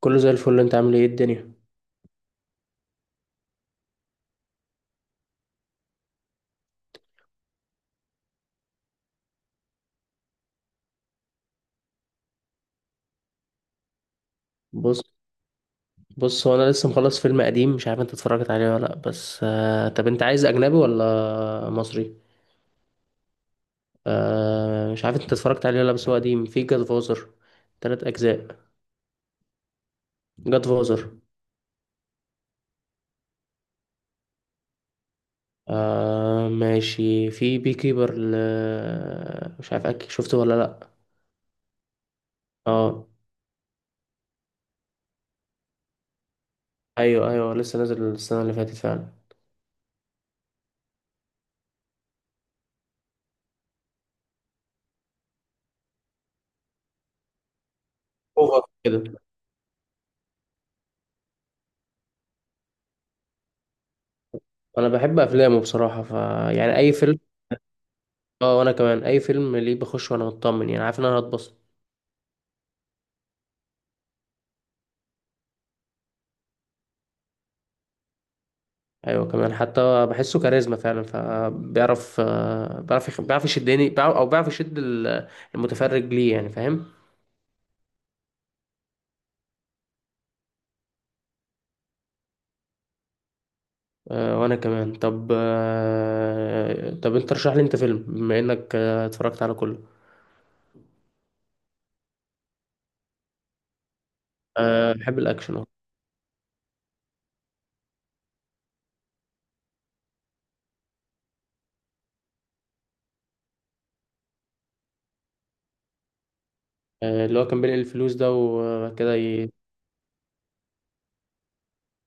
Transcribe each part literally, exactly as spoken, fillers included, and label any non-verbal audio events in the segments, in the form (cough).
كله زي الفل. انت عامل ايه؟ إيه الدنيا؟ بص بص هو انا لسه مخلص فيلم قديم، مش عارف انت اتفرجت عليه ولا لا. بس آه طب انت عايز اجنبي ولا مصري؟ آه مش عارف انت اتفرجت عليه ولا لا، بس هو قديم، في جاد فوزر، تلات اجزاء. جاد فوزر. آه ماشي. في بي كيبر ل... مش عارف، اكيد شفته ولا لا. اه. ايوه ايوه، لسه نازل السنه اللي فاتت فعلا. اوفر كده. انا بحب افلامه بصراحه، ف يعني اي فيلم. اه وانا كمان، اي فيلم ليه بخش وانا مطمن، يعني عارف ان انا هتبسط. ايوه، كمان حتى بحسه كاريزما فعلا، فبيعرف، آه، بيعرف يخ- بيعرف يشدني، بيعرف- او بيعرف يشد ال- المتفرج، ليه يعني فاهم. آه، وانا كمان. طب آه، طب انت رشح لي انت فيلم، بما انك آه، اتفرجت على كله. آه، بحب الاكشن أهو. آه، اللي هو كان بينقل الفلوس ده وكده ي...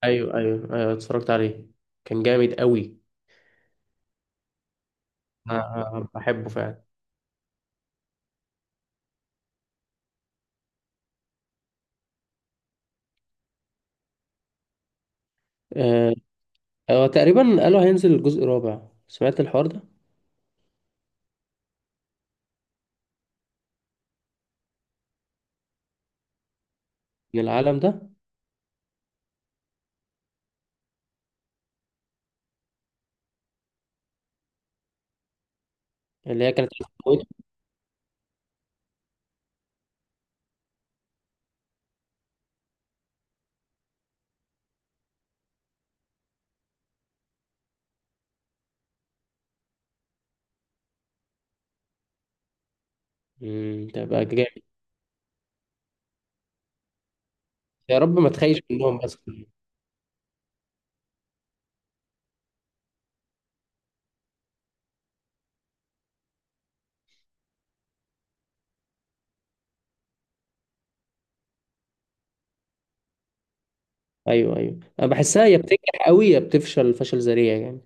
ايوه ايوه ايوه، اتفرجت عليه، كان جامد قوي. أنا بحبه فعلا. آه، هو تقريبا قالوا هينزل الجزء الرابع، سمعت الحوار ده. من العالم ده. اللي هي كانت (laughs) امم تبقى جامد. يا رب ما تخيش منهم بس. ايوه ايوه، انا بحسها يا بتنجح قوي يا بتفشل فشل ذريع يعني.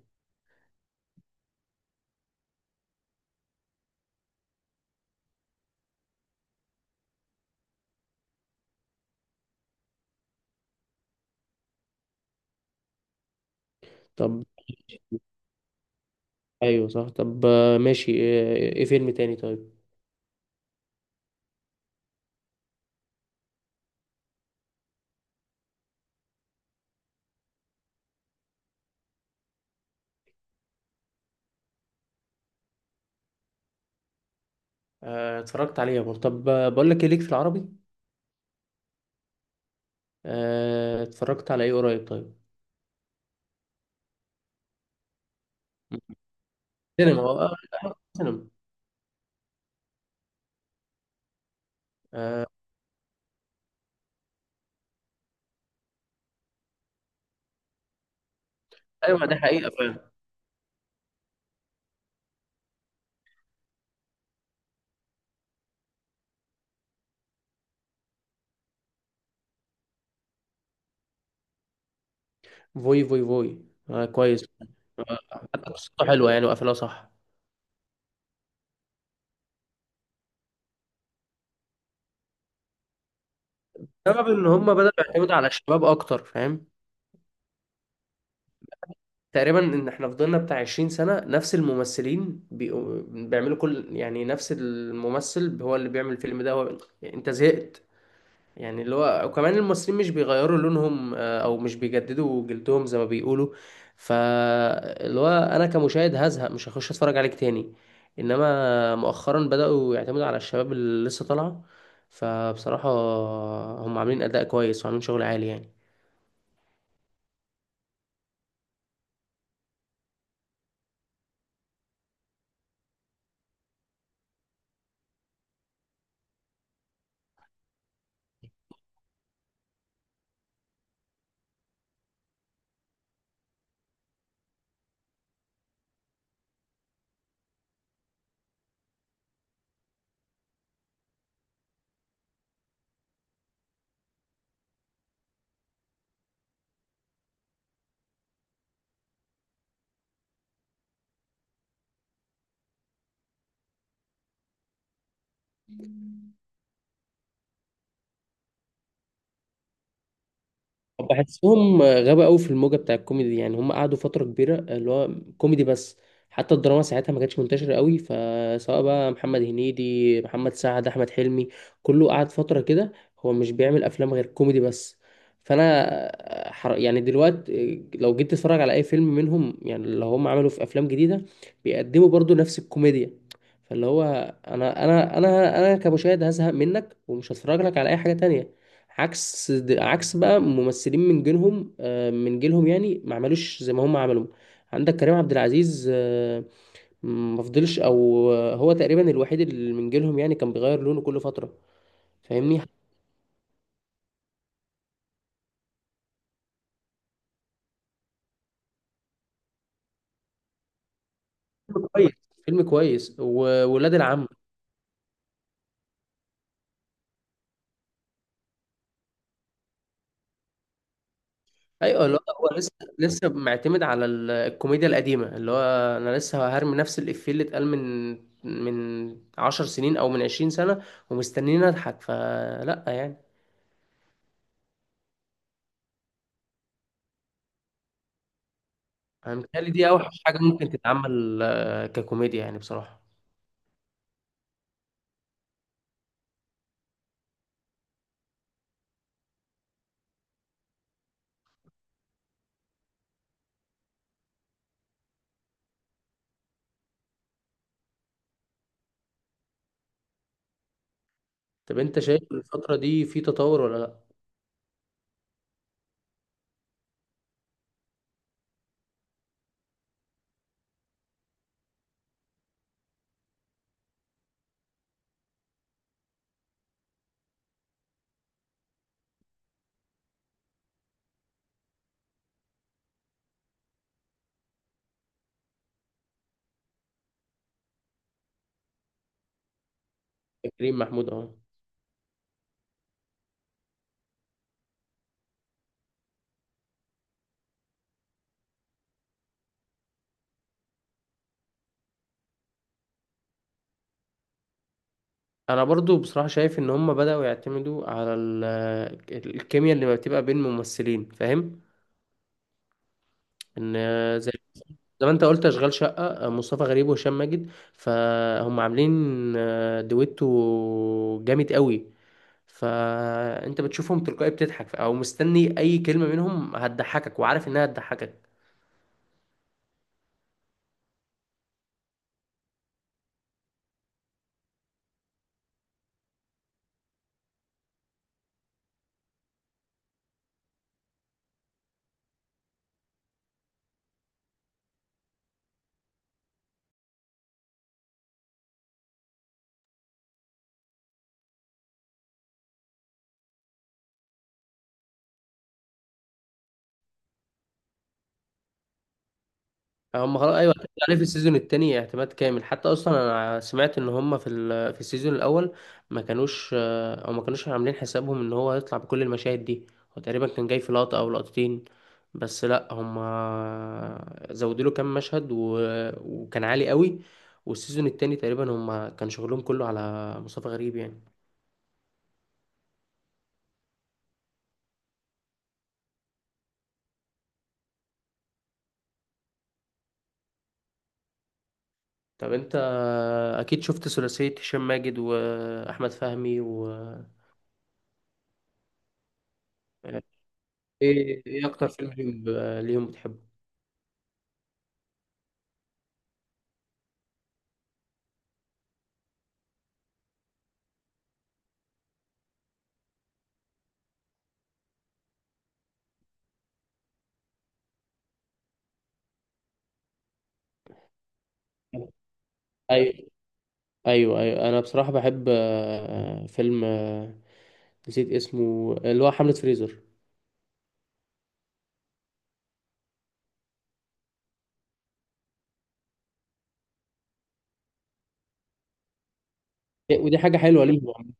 طب. ايوه صح. طب آه، ماشي. آه، ايه فيلم تاني طيب؟ آه، اتفرجت عليه يا بور. طب آه، بقول لك ايه، ليك في العربي؟ آه، اتفرجت على ايه قريب طيب؟ سينما آه، آه، سينما. آه، ايوه، ده حقيقة فعلا. فوي فوي فوي، آه، كويس. آه، حتى قصته حلوه يعني، وقفلها صح. سبب ان هم بدأوا يعتمدوا على الشباب اكتر، فاهم؟ تقريبا ان احنا فضلنا بتاع عشرين سنة نفس الممثلين، بيقو- بيعملوا كل، يعني نفس الممثل هو اللي بيعمل الفيلم ده، هو انت زهقت. يعني اللي هو، وكمان الممثلين مش بيغيروا لونهم، آه، او مش بيجددوا جلدهم زي ما بيقولوا. فاللي هو انا كمشاهد هزهق، مش هخش اتفرج عليك تاني. انما مؤخرا بدأوا يعتمدوا على الشباب اللي لسه طالعة، فبصراحة هم عاملين اداء كويس وعاملين شغل عالي يعني. بحسهم غابة قوي في الموجة بتاع الكوميدي، يعني هم قعدوا فترة كبيرة اللي هو كوميدي بس. حتى الدراما ساعتها ما كانتش منتشرة قوي، فسواء بقى محمد هنيدي، محمد سعد، أحمد حلمي، كله قعد فترة كده. هو مش بيعمل أفلام غير كوميدي بس. فأنا حر... يعني دلوقتي لو جيت تتفرج على أي فيلم منهم، يعني اللي هم عملوا في أفلام جديدة، بيقدموا برضو نفس الكوميديا. فاللي هو أنا أنا أنا أنا كمشاهد هزهق منك، ومش هتفرج لك على أي حاجة تانية. عكس عكس بقى ممثلين من جيلهم، آه، من جيلهم، يعني ما عملوش زي ما هم عملوا. عندك كريم عبد العزيز، آه، ما فضلش. او آه، هو تقريبا الوحيد اللي من جيلهم، يعني كان بيغير لونه كل فتره، فاهمني. فيلم كويس. فيلم كويس، وولاد العم. ايوه، اللي هو هو لسه لسه معتمد على ال- الكوميديا القديمه، اللي هو انا لسه هرمي نفس الافيه اللي اتقال من من عشر سنين او من عشرين سنه، ومستنيين اضحك فلا يعني. انا متهيألي دي اوحش حاجه ممكن تتعمل آه، ككوميديا يعني بصراحه. طب انت شايف الفتره دي في تطور ولا لا؟ يا كريم محمود اهو. انا برضو بصراحه شايف ان هم بداوا يعتمدوا على ال- آه، الكيمياء اللي بتبقى بين الممثلين، فاهم؟ ان آه، زي زي ما انت قلت اشغال شقه، آه، مصطفى غريب وهشام ماجد، فهم عاملين آه، دويتو جامد قوي. فانت بتشوفهم تلقائي بتضحك، او مستني اي كلمه منهم هتضحكك، وعارف انها هتضحكك. هم خلاص. ايوه هتبقى عليه في السيزون التاني اعتماد كامل. حتى اصلا انا سمعت ان هم في ال- في السيزون الاول ما كانوش آه، او ما كانوش عاملين حسابهم ان هو هيطلع بكل المشاهد دي. هو تقريبا كان جاي في لقطة او لقطتين بس، لا هم زودوا له كام مشهد و... وكان عالي قوي. والسيزون التاني تقريبا هم كان شغلهم كله على مصطفى غريب يعني. طب انت اكيد شفت ثلاثية هشام ماجد واحمد فهمي و ايه، ايه اكتر فيلم ليهم ليهم بتحبه؟ ايوه ايوه ايوه، انا بصراحه بحب آه، فيلم آه، نسيت اسمه اللي هو حمله فريزر. ودي حاجه حلوه ليهم يعني.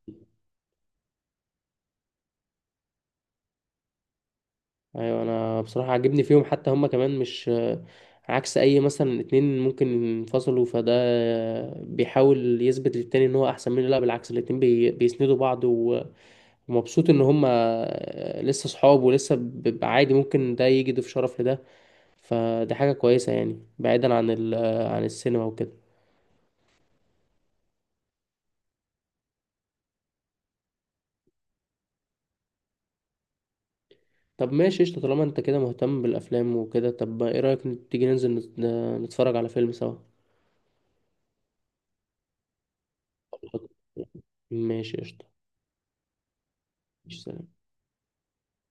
ايوه انا بصراحه عاجبني فيهم، حتى هم كمان مش آه، عكس اي مثلا اتنين ممكن ينفصلوا، فده بيحاول يثبت للتاني ان هو احسن منه، لا بالعكس الاتنين بي بيسندوا بعض، و- ومبسوط ان هم لسه صحاب ولسه بيبقى عادي ممكن ده يجي يضيف شرف لده. فدي حاجه كويسه يعني، بعيدا عن ال- آه، عن السينما وكده. طب ماشي قشطة، طالما انت كده مهتم بالافلام وكده، طب ايه رأيك تيجي ننزل نت- نتفرج على فيلم سوا. ماشي قشطة. ماشي، سلام.